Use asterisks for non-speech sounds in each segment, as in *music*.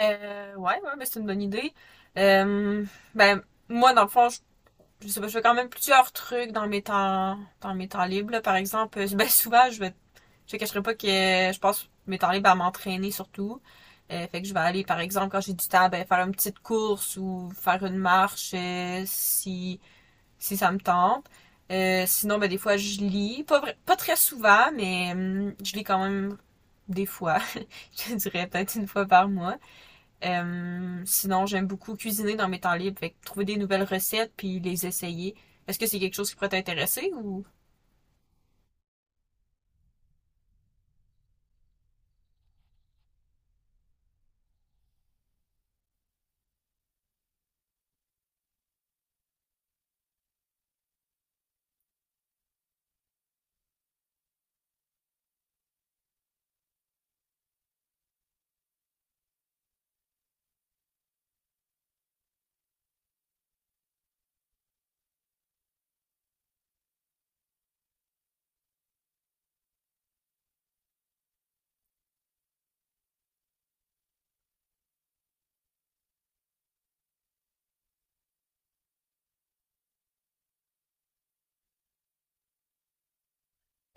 Ouais, ouais, mais c'est une bonne idée. Euh, ben, moi, dans le fond, je sais pas, je fais quand même plusieurs trucs dans mes dans mes temps libres, là. Par exemple, *laughs* ben, souvent, je te cacherai pas que je passe mes temps libres à m'entraîner surtout. Fait que je vais aller, par exemple, quand j'ai du temps, ben, faire une petite course ou faire une marche, si ça me tente. Sinon, ben, des fois, je lis. Pas très souvent, mais je lis quand même des fois. *laughs* Je dirais peut-être une fois par mois. Sinon, j'aime beaucoup cuisiner dans mes temps libres, fait que trouver des nouvelles recettes puis les essayer. Est-ce que c'est quelque chose qui pourrait t'intéresser ou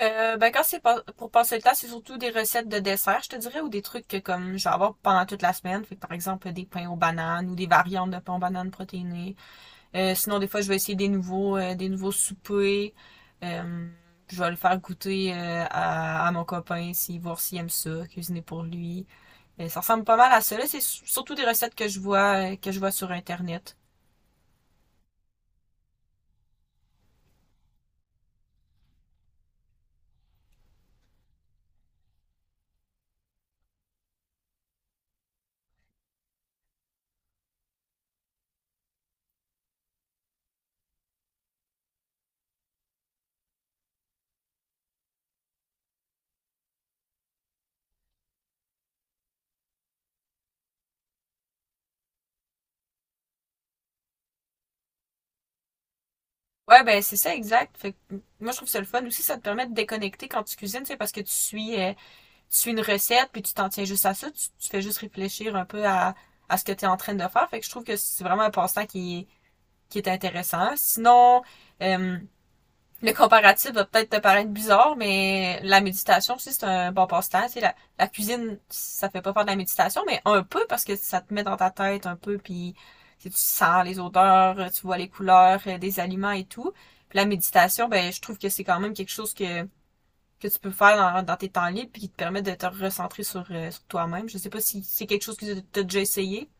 ben quand c'est pas- pour passer le temps, c'est surtout des recettes de dessert, je te dirais, ou des trucs que comme je vais avoir pendant toute la semaine. Fait que, par exemple, des pains aux bananes ou des variantes de pains aux bananes protéinées. Sinon, des fois, je vais essayer des des nouveaux soupers. Euh, je vais le faire goûter à mon copain, si voir s'il aime ça, cuisiner pour lui. Mais ça ressemble pas mal à ça. Là, c'est surtout des recettes que je vois sur Internet. Ouais, ben c'est ça, exact. Fait que, moi je trouve ça le fun aussi, ça te permet de déconnecter quand tu cuisines, c'est parce que tu suis une recette puis tu t'en tiens juste à ça, tu fais juste réfléchir un peu à ce que tu es en train de faire. Fait que je trouve que c'est vraiment un passe-temps qui est intéressant. Sinon, euh, le comparatif va peut-être te paraître bizarre, mais la méditation aussi, c'est un bon passe-temps. Tu sais, la cuisine, ça fait pas faire de la méditation, mais un peu parce que ça te met dans ta tête un peu, puis tu sens les odeurs, tu vois les couleurs des aliments et tout. Puis la méditation, ben je trouve que c'est quand même quelque chose que tu peux faire dans tes temps libres, puis qui te permet de te recentrer sur toi-même. Je sais pas si c'est quelque chose que tu as déjà essayé.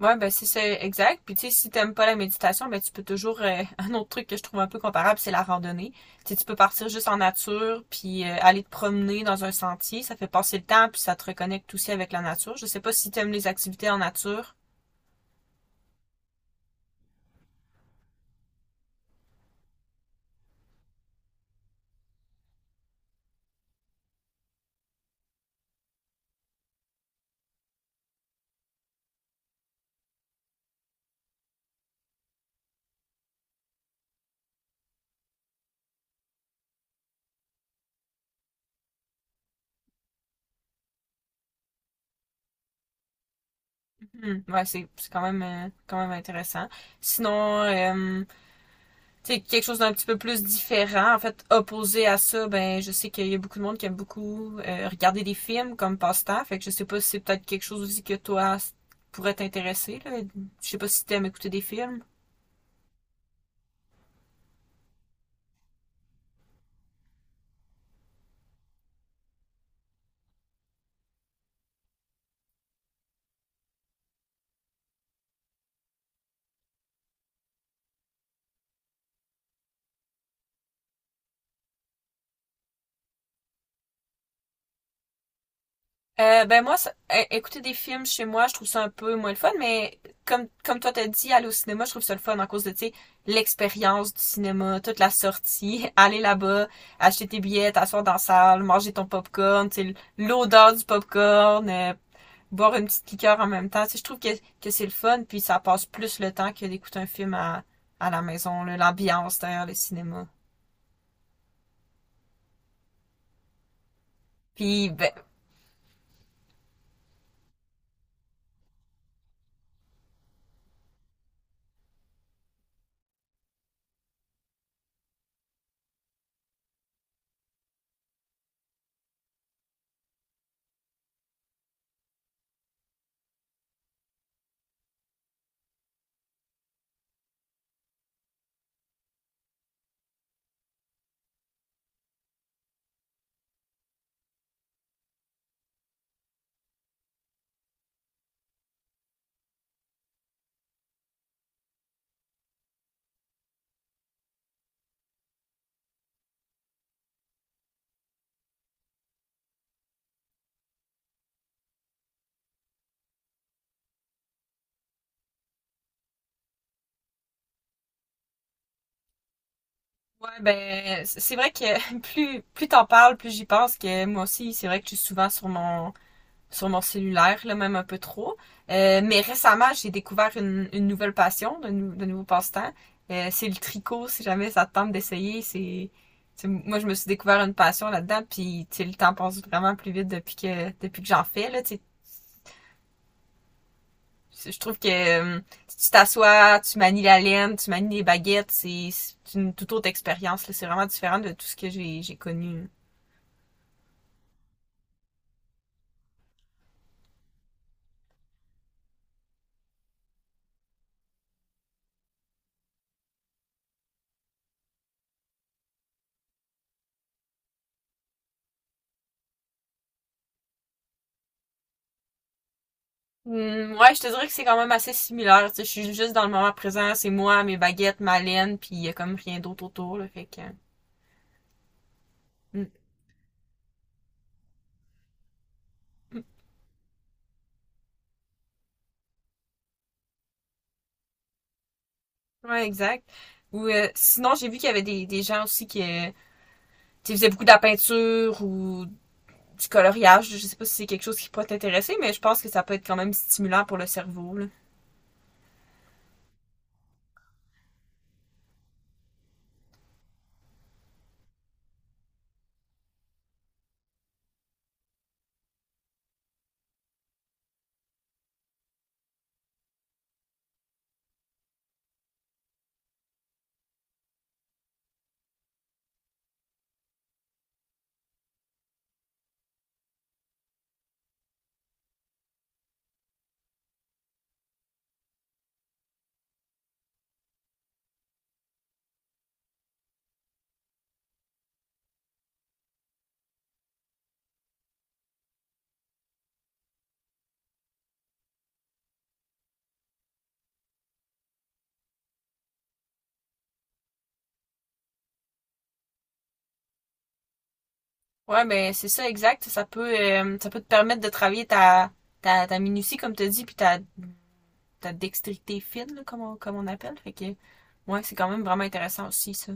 Ouais, ben c'est ça, exact. Puis tu sais, si t'aimes pas la méditation, ben tu peux toujours *laughs* un autre truc que je trouve un peu comparable, c'est la randonnée. Tu sais, tu peux partir juste en nature, puis aller te promener dans un sentier, ça fait passer le temps, puis ça te reconnecte aussi avec la nature. Je sais pas si t'aimes les activités en nature. Mhm. Ouais, c'est quand même intéressant. Sinon, sais, quelque chose d'un petit peu plus différent. En fait, opposé à ça, ben je sais qu'il y a beaucoup de monde qui aime beaucoup regarder des films comme passe-temps. Fait que je sais pas si c'est peut-être quelque chose aussi que toi pourrait t'intéresser, là. Je sais pas si t'aimes écouter des films. Ben moi, écouter des films chez moi, je trouve ça un peu moins le fun, mais comme toi t'as dit, aller au cinéma, je trouve ça le fun en cause de, tu sais, l'expérience du cinéma, toute la sortie, *laughs* aller là-bas, acheter tes billets, t'asseoir dans la salle, manger ton popcorn, tu sais, l'odeur du popcorn, boire une petite liqueur en même temps. Tu sais, je trouve que c'est le fun, puis ça passe plus le temps que d'écouter un film à la maison, là, l'ambiance derrière le cinéma. Puis, ben, ouais, ben, c'est vrai que *laughs* plus t'en parles, plus j'y pense que moi aussi, c'est vrai que je suis souvent sur sur mon cellulaire, là, même un peu trop. Mais récemment, j'ai découvert une nouvelle passion, de nouveaux passe-temps. C'est le tricot, si jamais ça te tente d'essayer. C'est, moi, je me suis découvert une passion là-dedans, puis tu sais, le temps passe vraiment plus vite depuis que j'en fais. Là, tu je trouve que euh, si tu t'assois, tu manies la laine, tu manies les baguettes, c'est une toute autre expérience, là. C'est vraiment différent de tout ce que j'ai connu. Hmm, ouais, je te dirais que c'est quand même assez similaire. Tu sais, je suis juste dans le moment présent, c'est moi, mes baguettes, ma laine, puis il y a comme rien d'autre autour, là, fait que... Hmm, hmm. Ouais, exact. Ou sinon, j'ai vu qu'il y avait des gens aussi qui tu sais, faisaient beaucoup de la peinture ou du coloriage. Je sais pas si c'est quelque chose qui pourrait t'intéresser, mais je pense que ça peut être quand même stimulant pour le cerveau, là. Ouais, ben c'est ça, exact. Ça peut te permettre de travailler ta minutie, comme tu dis, puis ta dextérité fine, là, comme, comme on appelle. Fait que, ouais, c'est quand même vraiment intéressant aussi, ça.